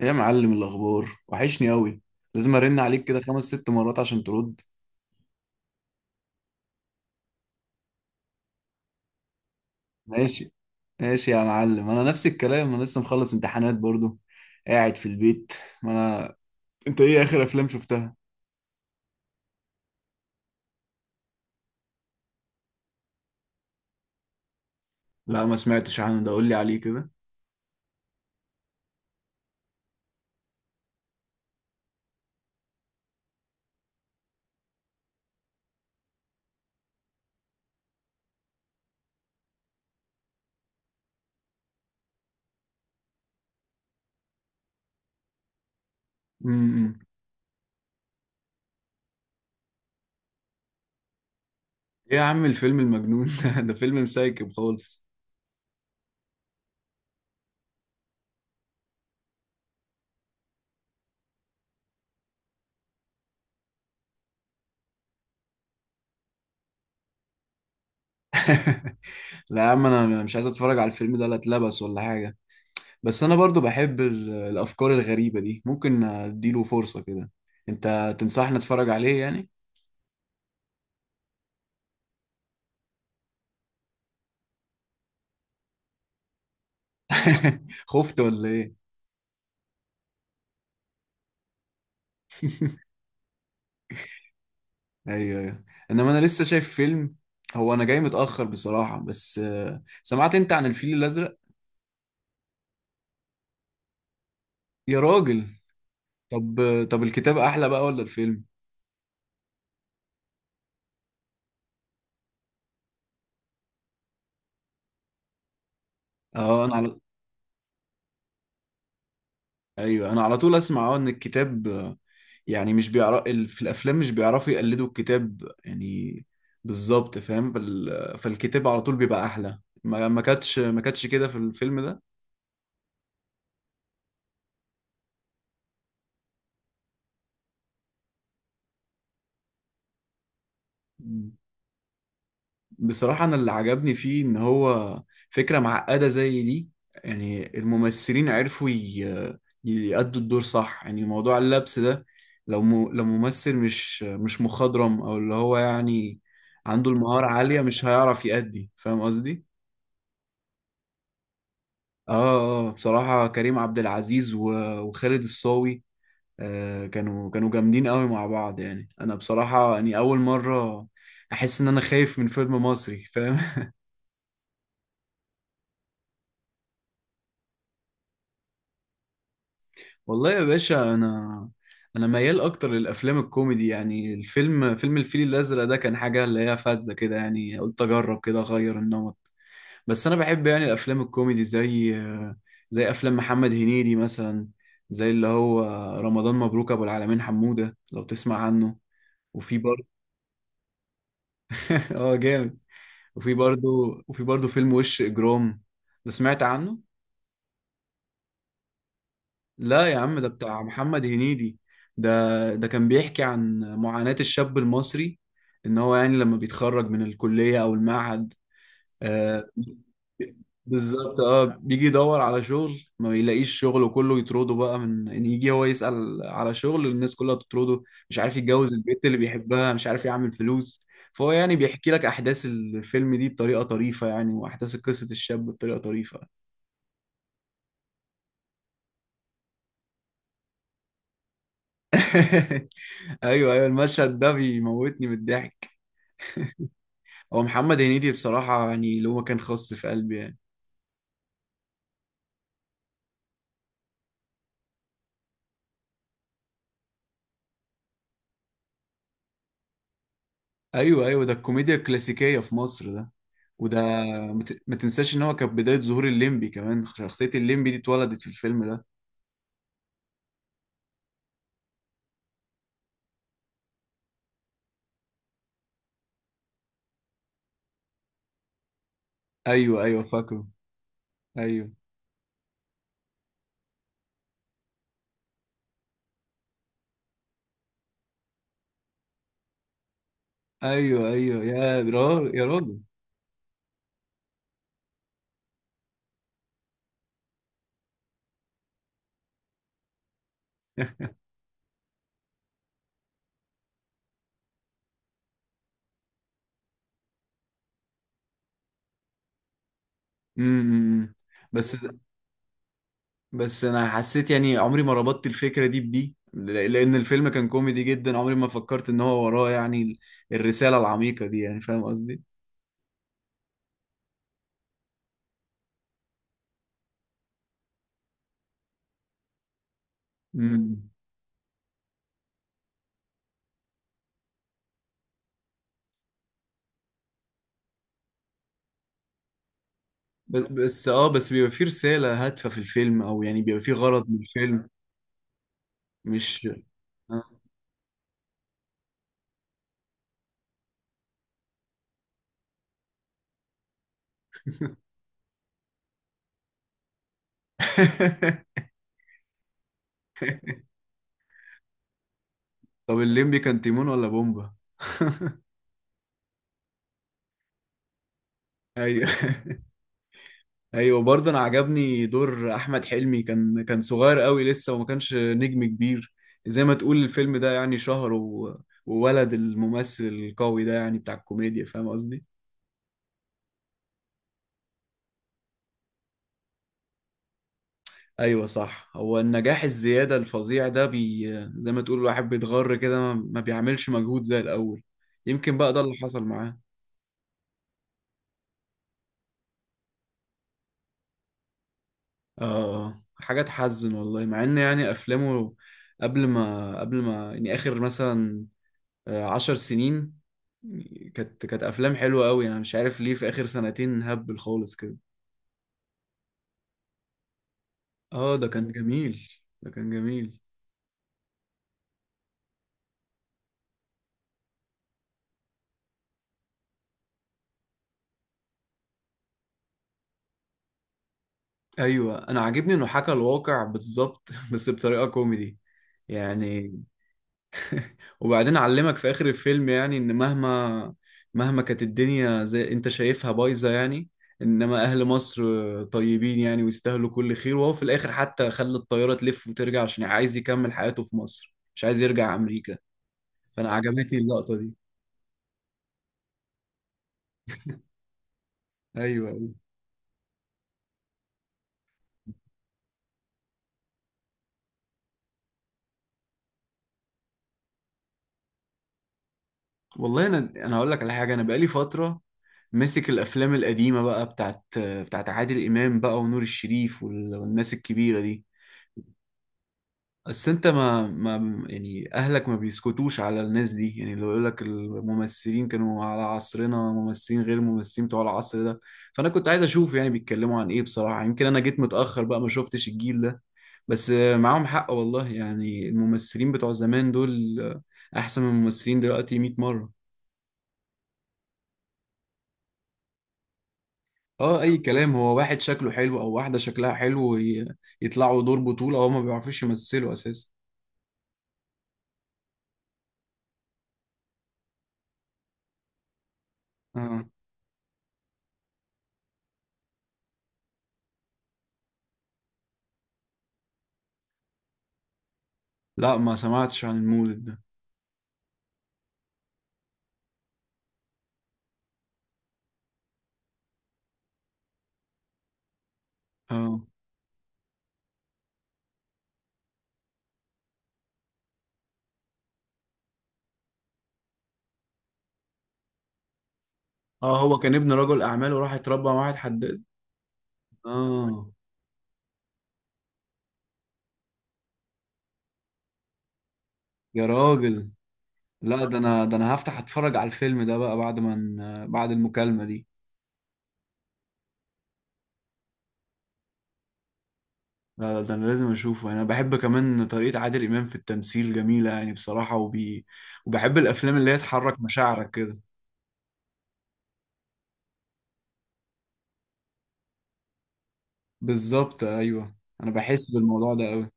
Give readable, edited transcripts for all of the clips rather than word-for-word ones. ايه يا معلم، الاخبار وحشني قوي. لازم ارن عليك كده 5 6 مرات عشان ترد. ماشي. ماشي يا معلم، انا نفس الكلام، انا لسه مخلص امتحانات برضو. قاعد في البيت. ما انا انت ايه اخر افلام شفتها؟ لا ما سمعتش عنه، ده قول لي عليه كده. امم. ايه يا عم الفيلم المجنون ده ده فيلم مسايكب خالص. لا يا عم، انا مش عايز اتفرج على الفيلم ده، لا اتلبس ولا حاجه. بس انا برضو بحب الافكار الغريبه دي، ممكن اديله فرصه كده. انت تنصحني اتفرج عليه يعني؟ خفت ولا ايه؟ ايوه ايوه. انما انا لسه شايف فيلم. هو انا جاي متأخر بصراحة، بس سمعت انت عن الفيل الازرق؟ يا راجل. طب طب الكتاب احلى بقى ولا الفيلم؟ اه انا على... ايوه انا على طول اسمع ان الكتاب، يعني مش بيعرف في الافلام، مش بيعرفوا يقلدوا الكتاب يعني. بالظبط فاهم، فالكتاب على طول بيبقى احلى، ما كانتش كده في الفيلم. ده بصراحة أنا اللي عجبني فيه إن هو فكرة معقدة زي دي. يعني الممثلين عرفوا يأدوا الدور صح، يعني موضوع اللبس ده. لو ممثل مش مخضرم، أو اللي هو يعني عنده المهارة عالية، مش هيعرف يأدي، فاهم قصدي؟ آه آه، بصراحة كريم عبد العزيز وخالد الصاوي. آه، كانوا جامدين قوي مع بعض، يعني أنا بصراحة يعني أول مرة أحس إن أنا خايف من فيلم مصري، فاهم؟ والله يا باشا، انا ميال اكتر للافلام الكوميدي، يعني فيلم الفيل الازرق ده كان حاجه اللي هي فذه كده، يعني قلت اجرب كده اغير النمط. بس انا بحب يعني الافلام الكوميدي، زي افلام محمد هنيدي مثلا، زي اللي هو رمضان مبروك ابو العالمين حموده، لو تسمع عنه. وفي برضه. اه جامد. وفي برضه وفي برضه فيلم وش اجرام، ده سمعت عنه. لا يا عم، ده بتاع محمد هنيدي. ده كان بيحكي عن معاناة الشاب المصري، ان هو يعني لما بيتخرج من الكلية او المعهد. آه. بالظبط، بيجي يدور على شغل، ما بيلاقيش شغل، وكله يطرده بقى، من ان يجي هو يسأل على شغل، الناس كلها تطرده. مش عارف يتجوز البنت اللي بيحبها، مش عارف يعمل فلوس. فهو يعني بيحكي لك احداث الفيلم دي بطريقة طريفة، يعني واحداث قصة الشاب بطريقة طريفة. ايوه ايوه، المشهد ده بيموتني من الضحك. هو محمد هنيدي بصراحة يعني اللي هو كان خاص في قلبي يعني. أيوه أيوه، ده الكوميديا الكلاسيكية في مصر ده. وده ما تنساش إن هو كان بداية ظهور الليمبي، كمان شخصية الليمبي دي اتولدت في الفيلم ده. أيوه أيوه، فاكره. أيوه أيوه أيوه يا راجل يا راجل. امم. إمم، إمم. بس بس أنا حسيت يعني عمري ما ربطت الفكرة دي بدي، لأن الفيلم كان كوميدي جدا، عمري ما فكرت إن هو وراه يعني الرسالة العميقة دي، يعني فاهم قصدي؟ إمم. بس بيبقى فيه رسالة هادفة في الفيلم، او يعني بيبقى فيه غرض من الفيلم. مش آه. طب، الليمبي كان تيمون ولا بومبا؟ ايوه ايوه، برضه انا عجبني دور احمد حلمي، كان صغير قوي لسه، وما كانش نجم كبير. زي ما تقول الفيلم ده يعني شهر وولد الممثل القوي ده يعني بتاع الكوميديا، فاهم قصدي؟ ايوه صح، هو النجاح الزياده الفظيع ده زي ما تقول الواحد بيتغر كده، ما بيعملش مجهود زي الاول. يمكن بقى ده اللي حصل معاه. اه. آه. حاجه تحزن والله، مع ان يعني افلامه قبل ما يعني اخر مثلا 10 سنين، كانت افلام حلوه قوي. انا مش عارف ليه في اخر سنتين هبل خالص كده. اه، ده كان جميل. ده كان جميل. ايوه انا عاجبني انه حكى الواقع بالظبط، بس بطريقه كوميدي يعني. وبعدين علمك في آخر الفيلم يعني إن مهما كانت الدنيا زي أنت شايفها بايظة يعني، إنما أهل مصر طيبين يعني ويستاهلوا كل خير، وهو في الآخر حتى خلى الطيارة تلف وترجع عشان عايز يكمل حياته في مصر، مش عايز يرجع أمريكا. فأنا عجبتني اللقطة دي. أيوه أيوه. والله، أنا هقول لك على حاجة، أنا بقالي فترة ماسك الأفلام القديمة بقى، بتاعت عادل إمام بقى ونور الشريف والناس الكبيرة دي. بس انت ما يعني اهلك ما بيسكتوش على الناس دي، يعني لو يقول لك الممثلين كانوا على عصرنا، ممثلين غير الممثلين بتوع العصر ده. فانا كنت عايز اشوف يعني بيتكلموا عن ايه بصراحة، يمكن انا جيت متأخر بقى ما شفتش الجيل ده. بس معاهم حق والله، يعني الممثلين بتوع زمان دول احسن من الممثلين دلوقتي 100 مرة. اه، اي كلام، هو واحد شكله حلو او واحدة شكلها حلو يطلعوا دور بطولة، هو ما بيعرفوش يمثلوا اساسا. اه. لا ما سمعتش عن المولد ده. اه. اه، هو كان ابن رجل اعمال وراح اتربى مع واحد حداد. اه يا راجل. لا، ده انا هفتح اتفرج على الفيلم ده بقى، بعد ما بعد المكالمة دي. لا لا، ده انا لازم اشوفه، انا بحب كمان طريقة عادل امام في التمثيل جميلة يعني بصراحة، وبحب الافلام اللي هي تحرك مشاعرك كده. بالظبط ايوه. انا بحس بالموضوع ده قوي.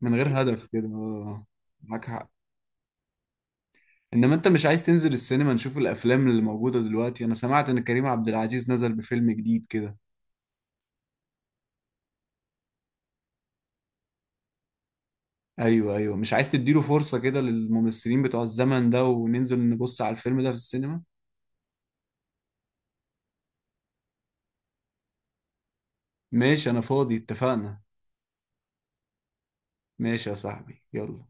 من غير هدف كده، معاك حق. انما انت مش عايز تنزل السينما نشوف الافلام اللي موجودة دلوقتي؟ انا سمعت ان كريم عبد العزيز نزل بفيلم جديد كده. ايوه ايوه، مش عايز تديله فرصة كده للممثلين بتوع الزمن ده وننزل نبص على الفيلم ده في السينما؟ ماشي، انا فاضي، اتفقنا. ماشي يا صاحبي، يلا.